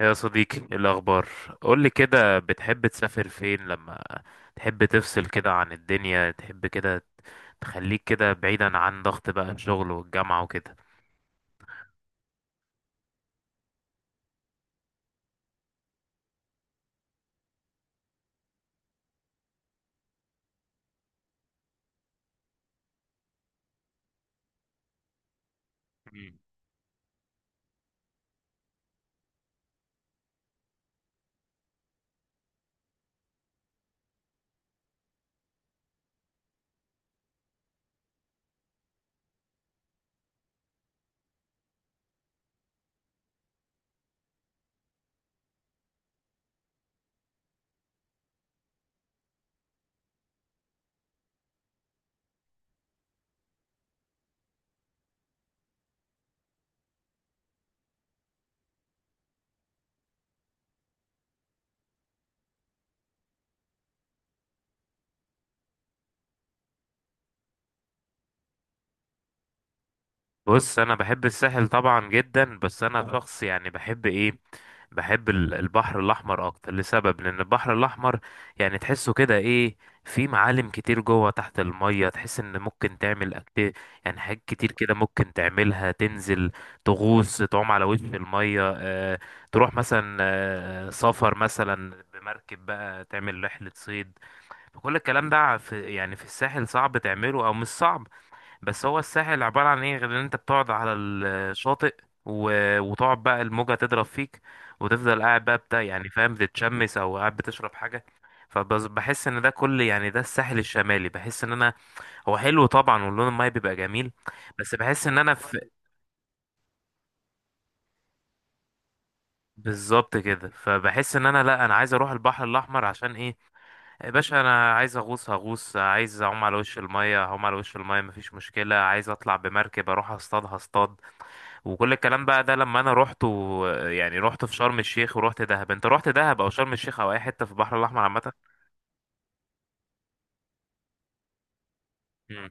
يا صديقي، إيه الأخبار؟ قولي كده، بتحب تسافر فين لما تحب تفصل كده عن الدنيا، تحب كده تخليك كده بعيدا عن ضغط بقى الشغل والجامعة وكده؟ مم. بص، انا بحب الساحل طبعا جدا، بس انا شخص يعني بحب ايه. بحب البحر الاحمر اكتر، لسبب لان البحر الاحمر يعني تحسه كده ايه، في معالم كتير جوه تحت المية، تحس ان ممكن تعمل يعني حاجات كتير كده ممكن تعملها. تنزل تغوص، تعوم على وش المية، تروح مثلا سفر مثلا بمركب بقى، تعمل رحلة صيد. فكل الكلام ده في يعني في الساحل صعب تعمله، او مش صعب، بس هو الساحل عبارة عن ايه غير ان انت بتقعد على الشاطئ و... وتقعد بقى الموجة تضرب فيك، وتفضل قاعد بقى بتاع، يعني فاهم، بتتشمس او قاعد بتشرب حاجة. فبس بحس ان ده كل يعني ده الساحل الشمالي، بحس ان انا، هو حلو طبعا واللون الماي بيبقى جميل، بس بحس ان انا في، بالظبط كده. فبحس ان انا، لا، انا عايز اروح البحر الاحمر، عشان ايه؟ يا باشا انا عايز اغوص هغوص، عايز اعوم على وش المية هعوم على وش المية، مفيش مشكلة، عايز اطلع بمركب اروح اصطاد هصطاد. وكل الكلام بقى ده، لما انا رحت يعني رحت في شرم الشيخ ورحت دهب، انت رحت دهب او شرم الشيخ او اي حته في البحر الاحمر عامه؟ مم.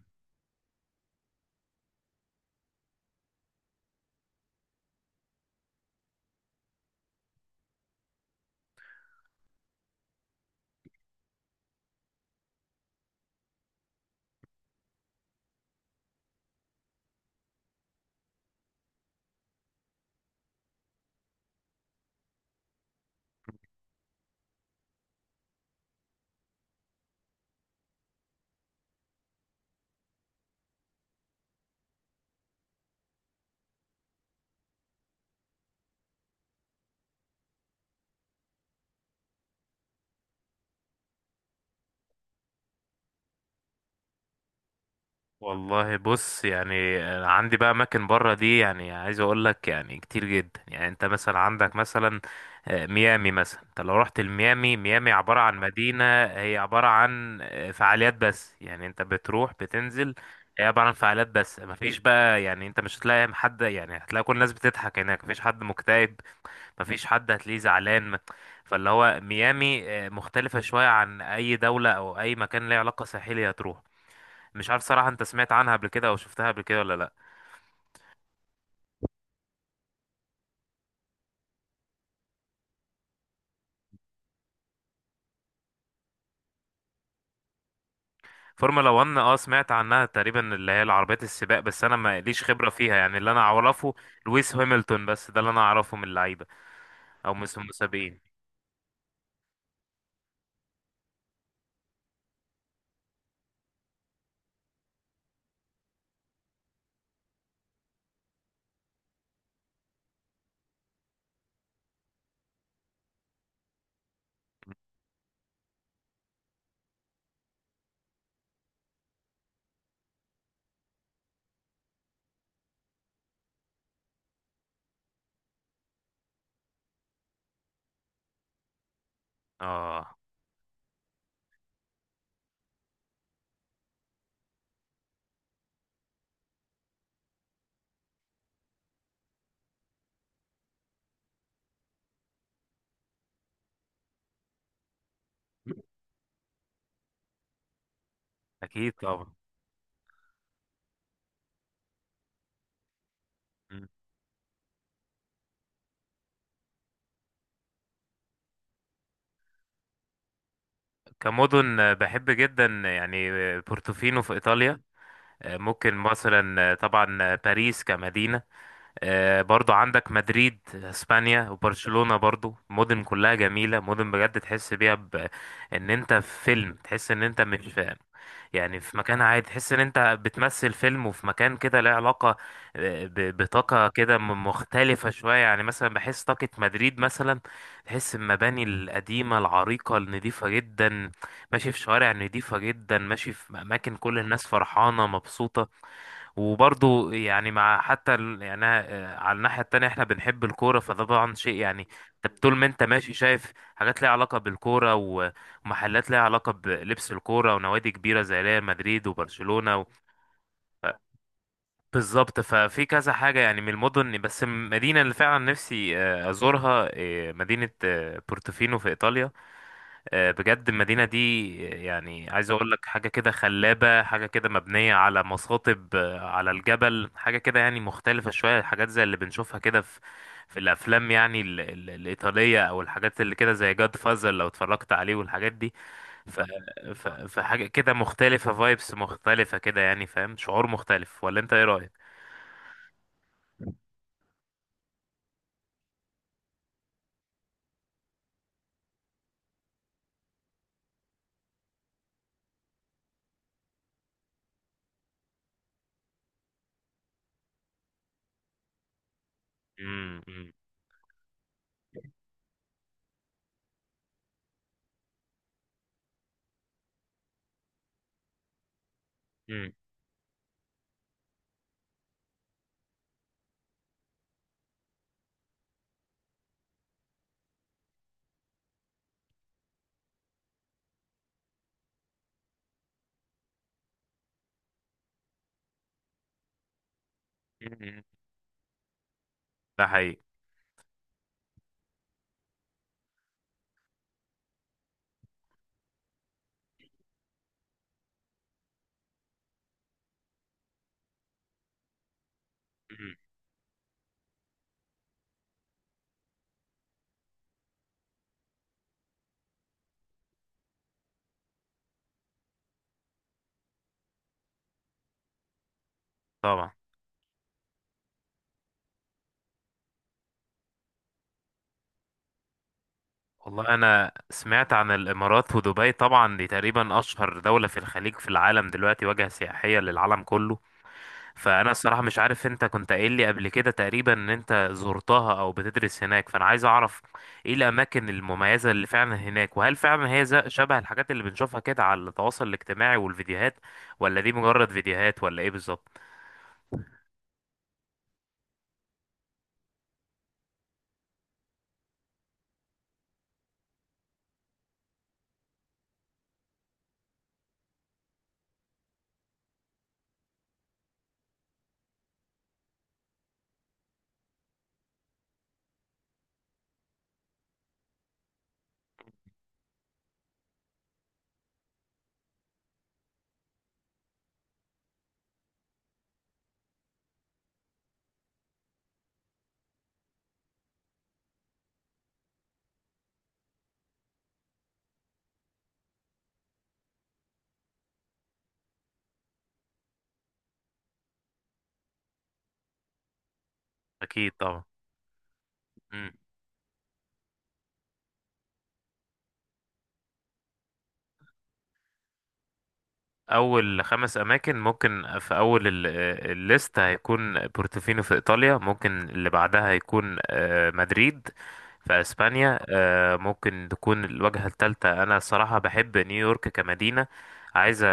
والله بص، يعني أنا عندي بقى اماكن بره دي يعني، عايز اقول لك يعني كتير جدا. يعني انت مثلا عندك مثلا ميامي مثلا. انت لو رحت لميامي، ميامي عباره عن مدينه، هي عباره عن فعاليات بس، يعني انت بتروح بتنزل. هي عباره عن فعاليات بس، مفيش بقى يعني، انت مش هتلاقي حد، يعني هتلاقي كل الناس بتضحك هناك، مفيش حد مكتئب، مفيش حد هتلاقيه زعلان. فاللي هو ميامي مختلفة شوية عن أي دولة أو أي مكان ليه علاقة ساحلية هتروح. مش عارف صراحة، أنت سمعت عنها قبل كده أو شفتها قبل كده ولا لأ؟ فورمولا 1، سمعت عنها تقريبا، اللي هي العربيات السباق، بس أنا ما ليش خبرة فيها. يعني اللي أنا أعرفه لويس هامilton، بس ده اللي أنا أعرفه من اللعيبة أو من المسابقين. أه، أكيد طبعا. مم. كمدن بحب جدا، يعني بورتوفينو في إيطاليا، ممكن مثلا، طبعا باريس كمدينة. برضو عندك مدريد اسبانيا وبرشلونة، برضو مدن كلها جميلة، مدن بجد تحس بيها ان انت في فيلم، تحس ان انت مش يعني في مكان عادي، تحس ان انت بتمثل فيلم، وفي مكان كده له علاقة، بطاقة كده مختلفة شوية. يعني مثلا بحس طاقة مدريد مثلا، تحس المباني القديمة العريقة النظيفة جدا، ماشي في شوارع نظيفة جدا، ماشي في اماكن كل الناس فرحانة مبسوطة. وبرضو يعني مع حتى يعني أنا، على الناحية التانية احنا بنحب الكورة، فده طبعا شيء يعني انت طول ما انت ماشي شايف حاجات ليها علاقة بالكورة ومحلات ليها علاقة بلبس الكورة، ونوادي كبيرة زي ريال مدريد وبرشلونة بالظبط. ففي كذا حاجة يعني من المدن، بس المدينة اللي فعلا نفسي أزورها مدينة بورتوفينو في إيطاليا. بجد المدينة دي، يعني عايز اقول لك، حاجة كده خلابة، حاجة كده مبنية على مصاطب على الجبل، حاجة كده يعني مختلفة شوية، حاجات زي اللي بنشوفها كده في في الافلام، يعني ال ال الإيطالية، او الحاجات اللي كده زي جاد فازر لو اتفرجت عليه والحاجات دي. ف ف فحاجة كده مختلفة، فايبس مختلفة كده، يعني فاهم؟ شعور مختلف، ولا انت ايه رأيك؟ امم، امم، امم. ده حقيقي. مم. طبعا. والله انا سمعت عن الامارات ودبي طبعا، دي تقريبا اشهر دولة في الخليج في العالم دلوقتي، وجهة سياحية للعالم كله. فانا الصراحة مش عارف، انت كنت قايل لي قبل كده تقريبا ان انت زرتها او بتدرس هناك، فانا عايز اعرف ايه الاماكن المميزة اللي فعلا هناك، وهل فعلا هي شبه الحاجات اللي بنشوفها كده على التواصل الاجتماعي والفيديوهات، ولا دي مجرد فيديوهات، ولا ايه بالظبط؟ اكيد طبعا. اول خمس اماكن، ممكن في اول الليست هيكون بورتوفينو في ايطاليا، ممكن اللي بعدها هيكون مدريد في اسبانيا. ممكن تكون الوجهة الثالثة، انا الصراحة بحب نيويورك كمدينة. عايز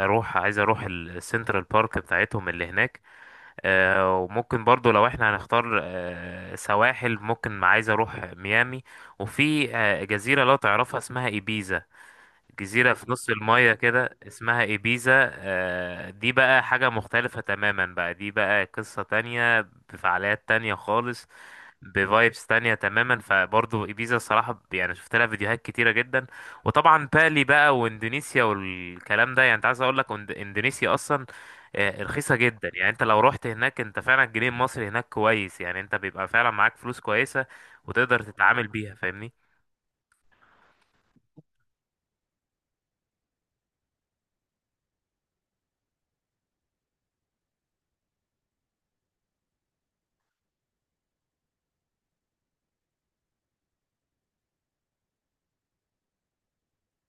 اروح، عايز اروح السنترال بارك بتاعتهم اللي هناك. وممكن برضو لو احنا هنختار سواحل، ممكن عايز اروح ميامي، وفي جزيرة لو تعرفها اسمها ايبيزا، جزيرة في نص المية كده اسمها إيبيزا. دي بقى حاجة مختلفة تماما بقى، دي بقى قصة تانية بفعاليات تانية خالص، بفايبس تانية تماما. فبرضه إيبيزا الصراحة يعني شفت لها فيديوهات كتيرة جدا، وطبعا بالي بقى وإندونيسيا والكلام ده. يعني أنت عايز أقول لك، إندونيسيا أصلا رخيصة جدا، يعني أنت لو رحت هناك أنت فعلا الجنيه المصري هناك كويس، يعني أنت بيبقى فعلا معاك فلوس كويسة وتقدر تتعامل بيها، فاهمني؟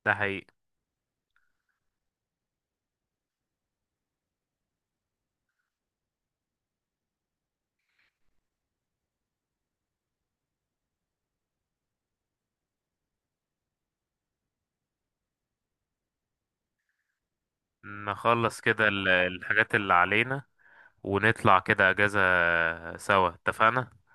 ده حقيقي. نخلص كده الحاجات اللي علينا، ونطلع كده اجازة سوا، اتفقنا.